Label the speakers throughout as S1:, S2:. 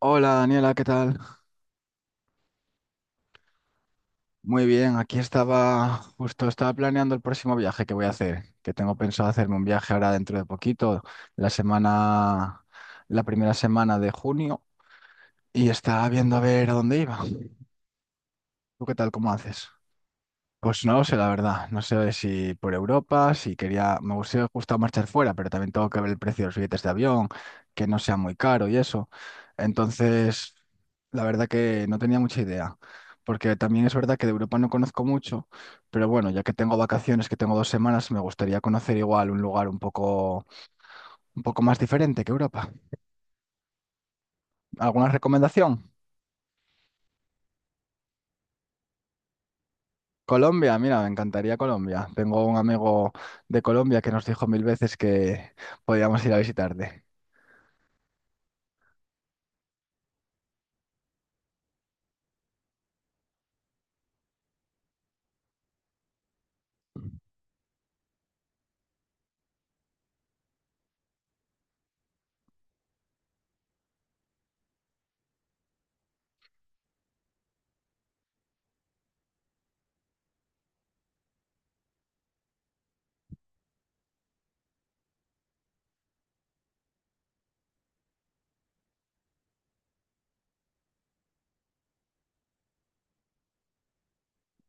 S1: Hola Daniela, ¿qué tal? Muy bien, aquí estaba, justo estaba planeando el próximo viaje que voy a hacer, que tengo pensado hacerme un viaje ahora dentro de poquito, la semana, la primera semana de junio, y estaba viendo a ver a dónde iba. ¿Tú qué tal? ¿Cómo haces? Pues no lo sé, la verdad. No sé si por Europa, si quería, me gustaría justo marchar fuera, pero también tengo que ver el precio de los billetes de avión, que no sea muy caro y eso. Entonces, la verdad que no tenía mucha idea, porque también es verdad que de Europa no conozco mucho, pero bueno, ya que tengo vacaciones, que tengo 2 semanas, me gustaría conocer igual un lugar un poco más diferente que Europa. ¿Alguna recomendación? Colombia, mira, me encantaría Colombia. Tengo un amigo de Colombia que nos dijo mil veces que podíamos ir a visitarte.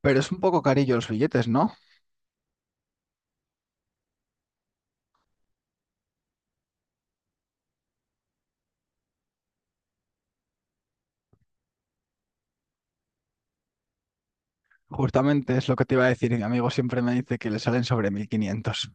S1: Pero es un poco carillo los billetes, ¿no? Justamente es lo que te iba a decir. Y mi amigo siempre me dice que le salen sobre 1.500.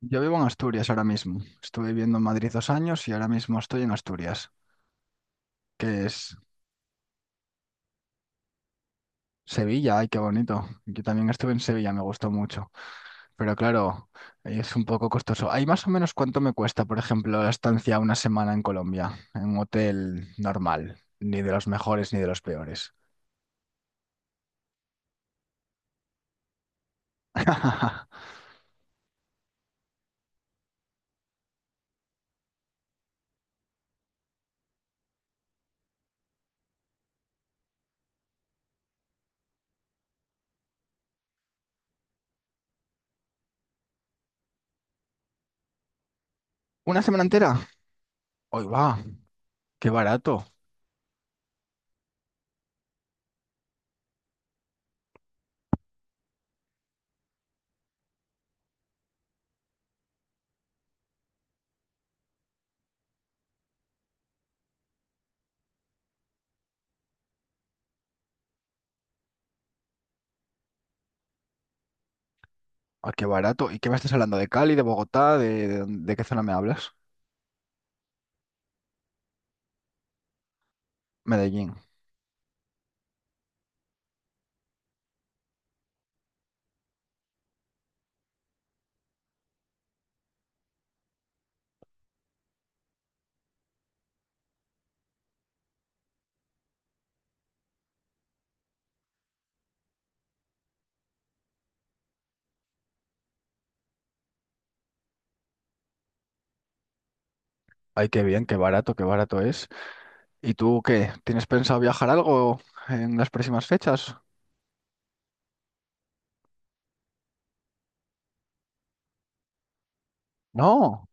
S1: Yo vivo en Asturias ahora mismo. Estuve viviendo en Madrid 2 años y ahora mismo estoy en Asturias, que es Sevilla. Ay, qué bonito. Yo también estuve en Sevilla, me gustó mucho. Pero claro, es un poco costoso. ¿Hay más o menos cuánto me cuesta, por ejemplo, la estancia una semana en Colombia, en un hotel normal? Ni de los mejores ni de los peores. ¿Una semana entera? Hoy va, qué barato. Ah, qué barato. ¿Y qué me estás hablando? ¿De Cali, de Bogotá? ¿De qué zona me hablas? Medellín. Ay, qué bien, qué barato es. ¿Y tú qué? ¿Tienes pensado viajar algo en las próximas fechas? No.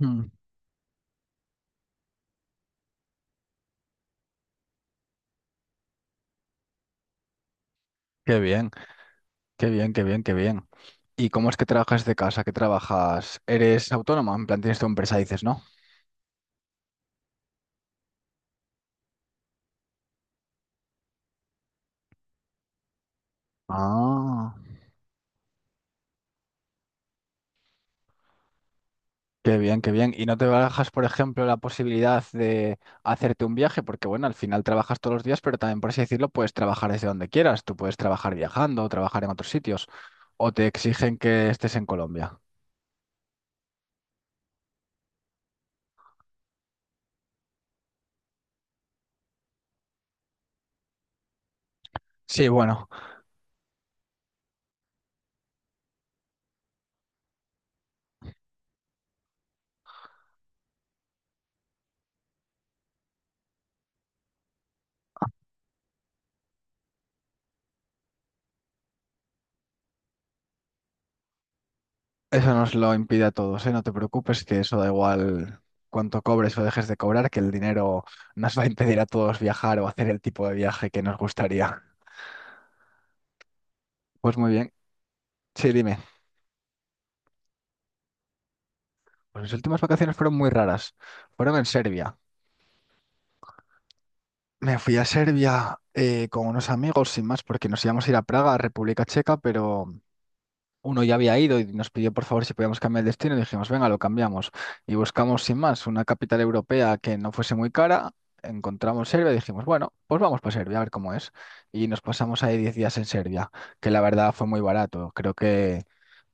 S1: Mm, qué bien, qué bien, qué bien, qué bien. ¿Y cómo es que trabajas de casa? ¿Qué trabajas? ¿Eres autónoma? En plan, tienes tu empresa, dices, ¿no? Ah. Qué bien, qué bien. ¿Y no te barajas, por ejemplo, la posibilidad de hacerte un viaje? Porque bueno, al final trabajas todos los días, pero también, por así decirlo, puedes trabajar desde donde quieras. Tú puedes trabajar viajando, trabajar en otros sitios, o te exigen que estés en Colombia. Sí, bueno, eso nos lo impide a todos, ¿eh? No te preocupes, que eso da igual cuánto cobres o dejes de cobrar, que el dinero nos va a impedir a todos viajar o hacer el tipo de viaje que nos gustaría. Pues muy bien. Sí, dime. Pues mis últimas vacaciones fueron muy raras. Fueron en Serbia. Me fui a Serbia con unos amigos, sin más, porque nos íbamos a ir a Praga, a República Checa, pero uno ya había ido y nos pidió por favor si podíamos cambiar el destino. Y dijimos, venga, lo cambiamos. Y buscamos, sin más, una capital europea que no fuese muy cara. Encontramos Serbia y dijimos, bueno, pues vamos para Serbia, a ver cómo es. Y nos pasamos ahí 10 días en Serbia, que la verdad fue muy barato. Creo que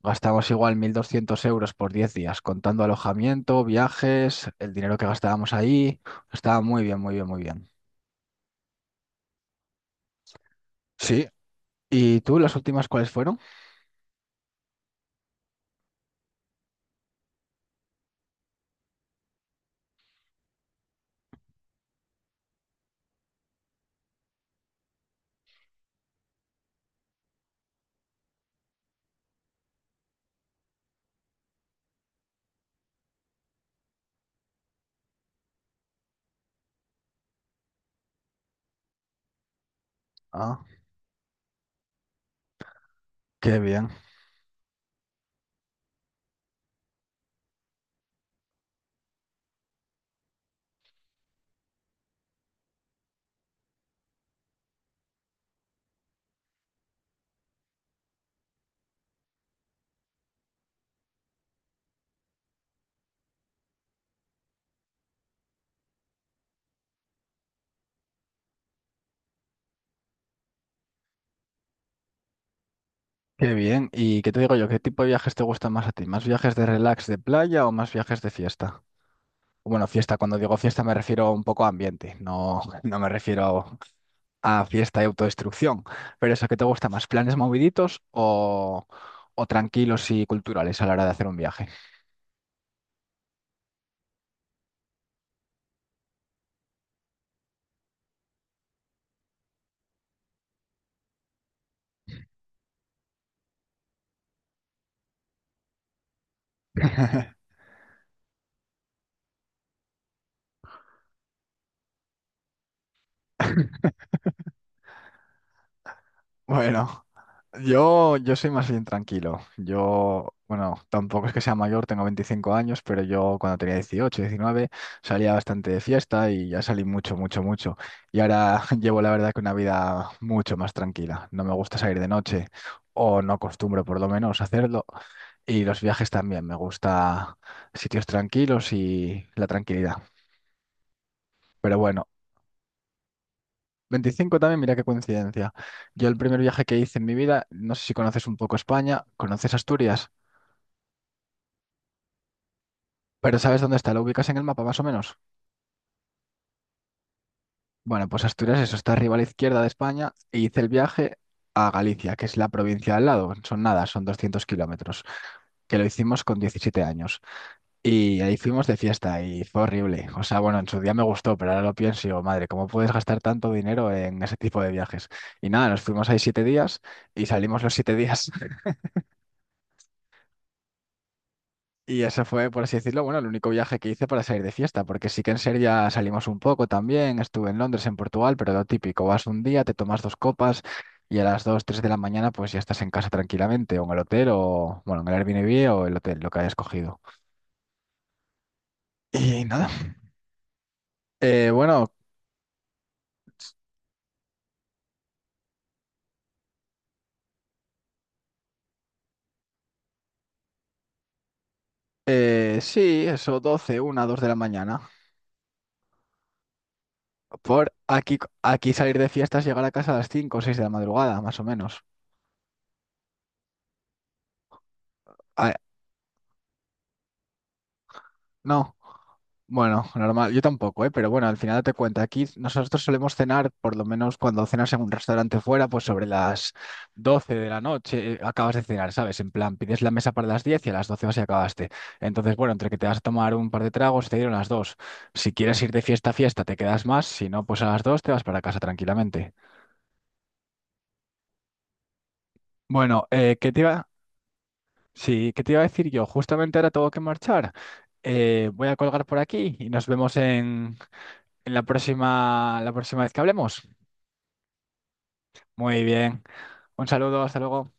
S1: gastamos igual 1.200 euros por 10 días, contando alojamiento, viajes, el dinero que gastábamos ahí. Estaba muy bien, muy bien, muy bien. Sí, ¿y tú, las últimas cuáles fueron? Ah, qué bien, qué bien. ¿Y qué te digo yo? ¿Qué tipo de viajes te gustan más a ti? ¿Más viajes de relax de playa o más viajes de fiesta? Bueno, fiesta, cuando digo fiesta me refiero un poco a ambiente, no, no me refiero a fiesta y autodestrucción. Pero eso, ¿qué te gusta más? ¿Planes moviditos o tranquilos y culturales a la hora de hacer un viaje? Bueno. Yo soy más bien tranquilo. Yo, bueno, tampoco es que sea mayor, tengo 25 años, pero yo cuando tenía 18, 19 salía bastante de fiesta y ya salí mucho, mucho, mucho. Y ahora llevo la verdad que una vida mucho más tranquila. No me gusta salir de noche o no acostumbro por lo menos hacerlo. Y los viajes también, me gusta sitios tranquilos y la tranquilidad. Pero bueno, 25 también, mira qué coincidencia. Yo el primer viaje que hice en mi vida, no sé si conoces un poco España, ¿conoces Asturias? Pero ¿sabes dónde está? ¿Lo ubicas en el mapa más o menos? Bueno, pues Asturias, eso está arriba a la izquierda de España e hice el viaje a Galicia, que es la provincia al lado. Son nada, son 200 kilómetros, que lo hicimos con 17 años. Y ahí fuimos de fiesta y fue horrible. O sea, bueno, en su día me gustó, pero ahora lo pienso y digo, madre, ¿cómo puedes gastar tanto dinero en ese tipo de viajes? Y nada, nos fuimos ahí 7 días y salimos los 7 días. Y ese fue, por así decirlo, bueno, el único viaje que hice para salir de fiesta, porque sí que en Serbia salimos un poco también, estuve en Londres, en Portugal, pero lo típico, vas un día, te tomas dos copas y a las 2 3 de la mañana pues ya estás en casa tranquilamente, o en el hotel, o bueno, en el Airbnb o el hotel, lo que hayas cogido. Y nada, bueno, sí, eso, doce una dos de la mañana. Por aquí, aquí salir de fiestas llegar a casa a las 5 o 6 de la madrugada, más o menos. Ah, no. Bueno, normal, yo tampoco, ¿eh? Pero bueno, al final te cuenta, aquí nosotros solemos cenar, por lo menos cuando cenas en un restaurante fuera, pues sobre las 12 de la noche acabas de cenar, ¿sabes? En plan, pides la mesa para las 10 y a las 12 vas y acabaste. Entonces, bueno, entre que te vas a tomar un par de tragos, te dieron las 2. Si quieres ir de fiesta a fiesta, te quedas más, si no, pues a las 2 te vas para casa tranquilamente. Bueno, ¿qué te iba? Sí, ¿qué te iba a decir yo? Justamente ahora tengo que marchar. Voy a colgar por aquí y nos vemos en la próxima vez que hablemos. Muy bien. Un saludo, hasta luego.